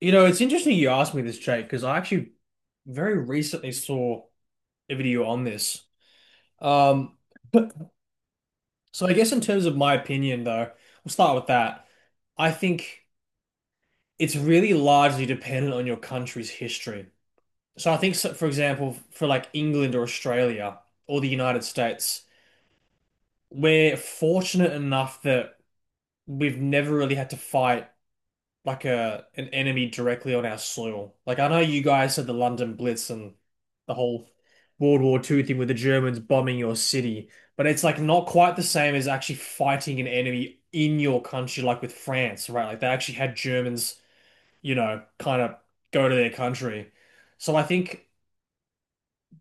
You know, it's interesting you asked me this, Jake, because I actually very recently saw a video on this. Um, but so I guess in terms of my opinion, though, we'll start with that. I think it's really largely dependent on your country's history. So I think, so, for example, for like England or Australia or the United States, we're fortunate enough that we've never really had to fight like a an enemy directly on our soil. Like I know you guys had the London Blitz and the whole World War Two thing with the Germans bombing your city, but it's like not quite the same as actually fighting an enemy in your country, like with France, right? Like they actually had Germans, you know, kind of go to their country. So I think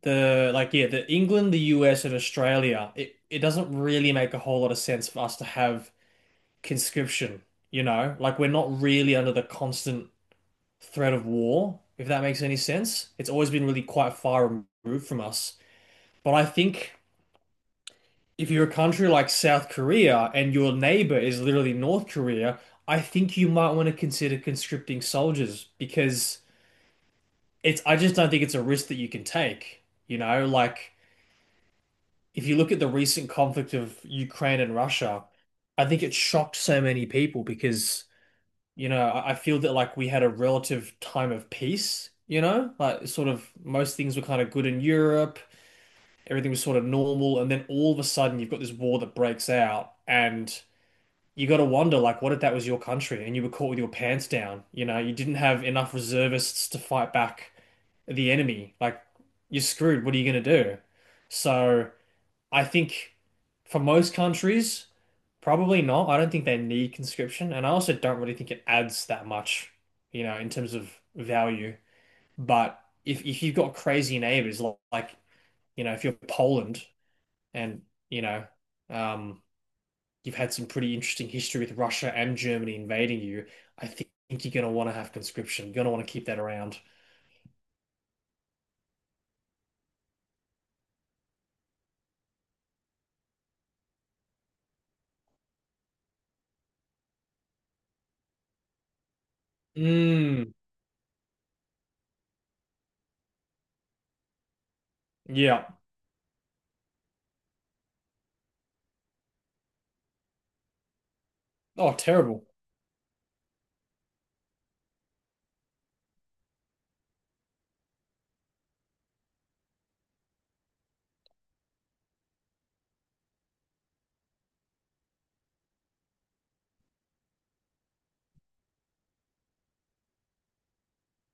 the like yeah, the England, the US, and Australia, it doesn't really make a whole lot of sense for us to have conscription, you know? Like we're not really under the constant threat of war, if that makes any sense. It's always been really quite far removed from us. But I think if you're a country like South Korea and your neighbor is literally North Korea, I think you might want to consider conscripting soldiers because I just don't think it's a risk that you can take. You know, like if you look at the recent conflict of Ukraine and Russia, I think it shocked so many people because you know, I feel that like we had a relative time of peace, you know, like sort of most things were kind of good in Europe, everything was sort of normal, and then all of a sudden you've got this war that breaks out, and you got to wonder like, what if that was your country and you were caught with your pants down? You know, you didn't have enough reservists to fight back the enemy. Like, you're screwed. What are you gonna do? So. I think for most countries, probably not. I don't think they need conscription, and I also don't really think it adds that much, you know, in terms of value. But if you've got crazy neighbors like, you know, if you're Poland and you know, um, you've had some pretty interesting history with Russia and Germany invading you, I think you're going to want to have conscription. You're going to want to keep that around. Mm, yeah. Oh, terrible.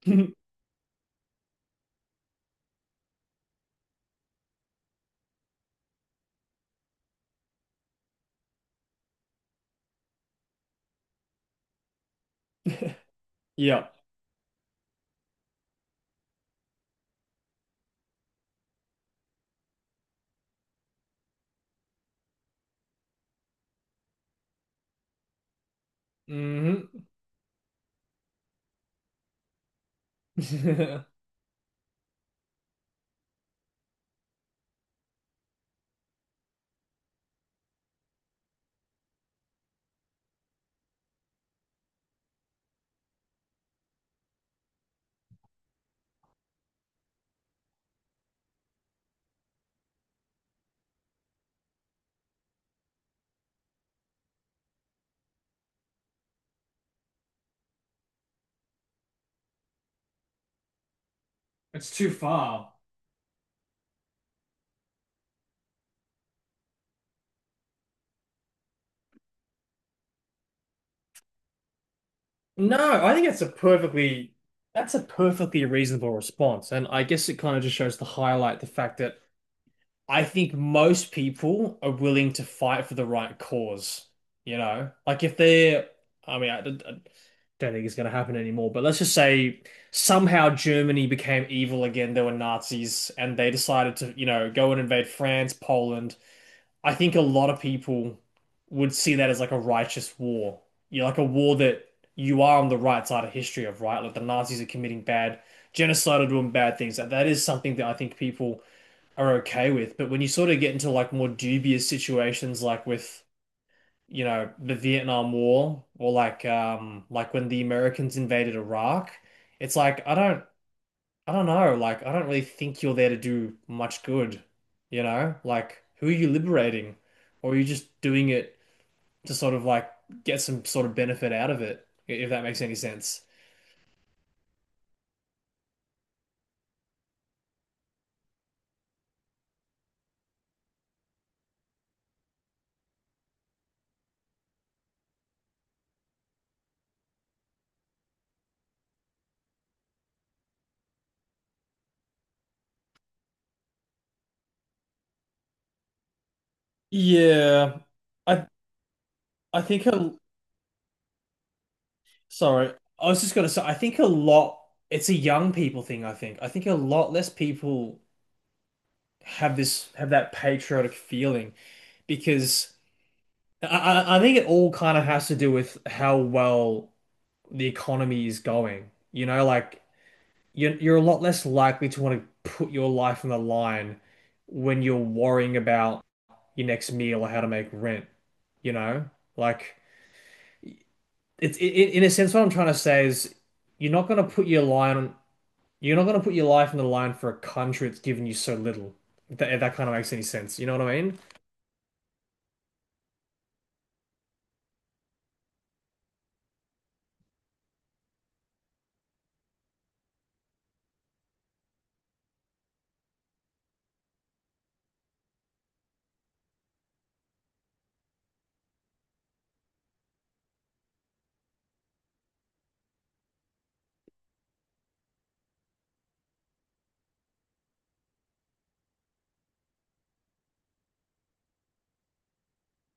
Yeah. Hmm. It's too far. No, I think that's a perfectly reasonable response. And I guess it kind of just shows to highlight the fact that I think most people are willing to fight for the right cause, you know? Like if they're I mean, I don't think it's going to happen anymore, but let's just say somehow Germany became evil again. There were Nazis and they decided to, you know, go and invade France, Poland. I think a lot of people would see that as like a righteous war. You're like a war that you are on the right side of history of, right? Like the Nazis are committing bad genocide or doing bad things. That is something that I think people are okay with. But when you sort of get into like more dubious situations, like with you know the Vietnam War or like when the Americans invaded Iraq, it's like I don't know. Like, I don't really think you're there to do much good, you know? Like, who are you liberating? Or are you just doing it to sort of like get some sort of benefit out of it, if that makes any sense? Yeah, I I think a sorry. I was just gonna say, I think a lot, it's a young people thing, I think. I think a lot less people have that patriotic feeling because I think it all kind of has to do with how well, the economy is going. You know, like you're a lot less likely to want to put your life on the line when you're worrying about your next meal or how to make rent. You know, like in a sense what I'm trying to say is you're not going to put your line you're not going to put your life on the line for a country that's given you so little. If that kind of makes any sense, you know what I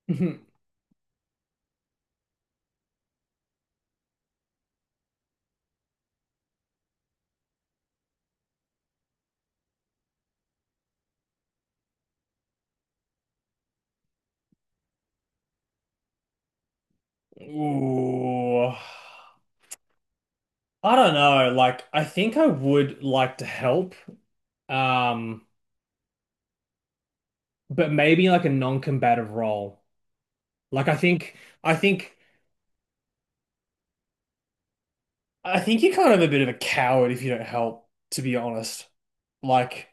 mean? Ooh, I don't know. Like, I think I would like to help. Um, but maybe like a non-combative role. Like I think I think you're kind of a bit of a coward if you don't help, to be honest. Like,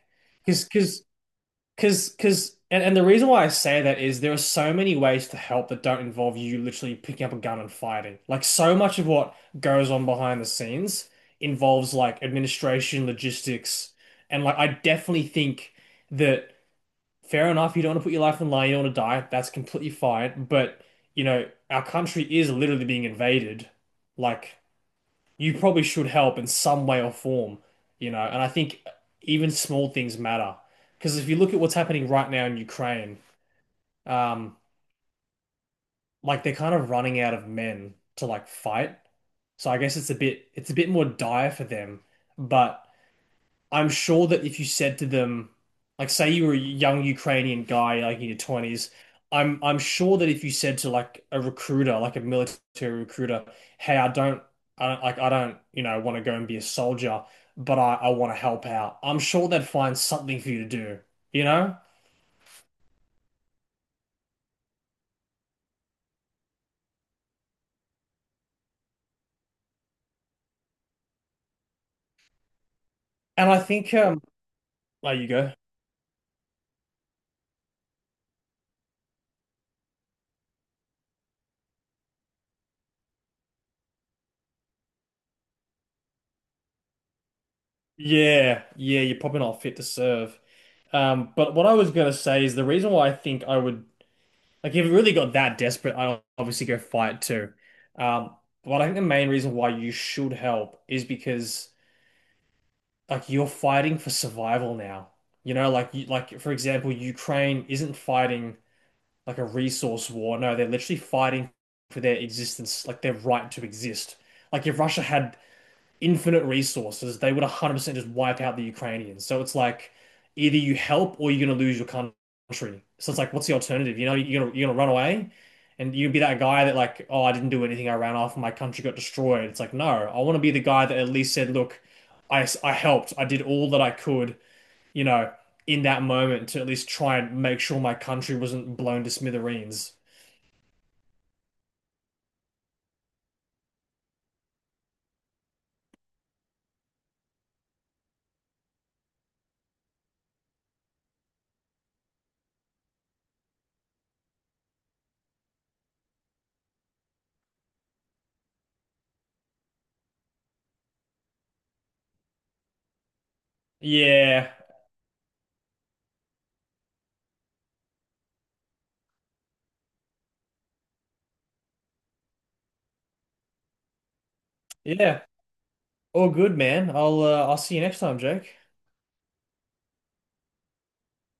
because because and the reason why I say that is there are so many ways to help that don't involve you literally picking up a gun and fighting. Like so much of what goes on behind the scenes involves like administration, logistics, and like I definitely think that fair enough, you don't want to put your life on the line, you don't want to die. That's completely fine. But, you know, our country is literally being invaded. Like, you probably should help in some way or form, you know. And I think even small things matter. Because if you look at what's happening right now in Ukraine, um, like they're kind of running out of men to like fight. So I guess it's a bit more dire for them. But I'm sure that if you said to them, like say you were a young Ukrainian guy like in your 20s, I'm sure that if you said to like a recruiter, like a military recruiter, hey, I don't like I don't, you know, want to go and be a soldier, but I want to help out. I'm sure they'd find something for you to do, you know? And I think there you go. Yeah, yeah, you're probably not fit to serve. But what I was gonna say is the reason why I think I would like if it really got that desperate, I'd obviously go fight too. Um, but I think the main reason why you should help is because like you're fighting for survival now. You know, like for example, Ukraine isn't fighting like a resource war. No, they're literally fighting for their existence, like their right to exist. Like if Russia had infinite resources, they would 100% just wipe out the Ukrainians. So it's like either you help or you're going to lose your country. So it's like, what's the alternative? You know, you're going to run away and you be that guy that like, oh, I didn't do anything. I ran off and my country got destroyed. It's like, no, I want to be the guy that at least said, look, I helped. I did all that I could, you know, in that moment to at least try and make sure my country wasn't blown to smithereens. Yeah. Yeah. All good, man. I'll see you next time, Jake.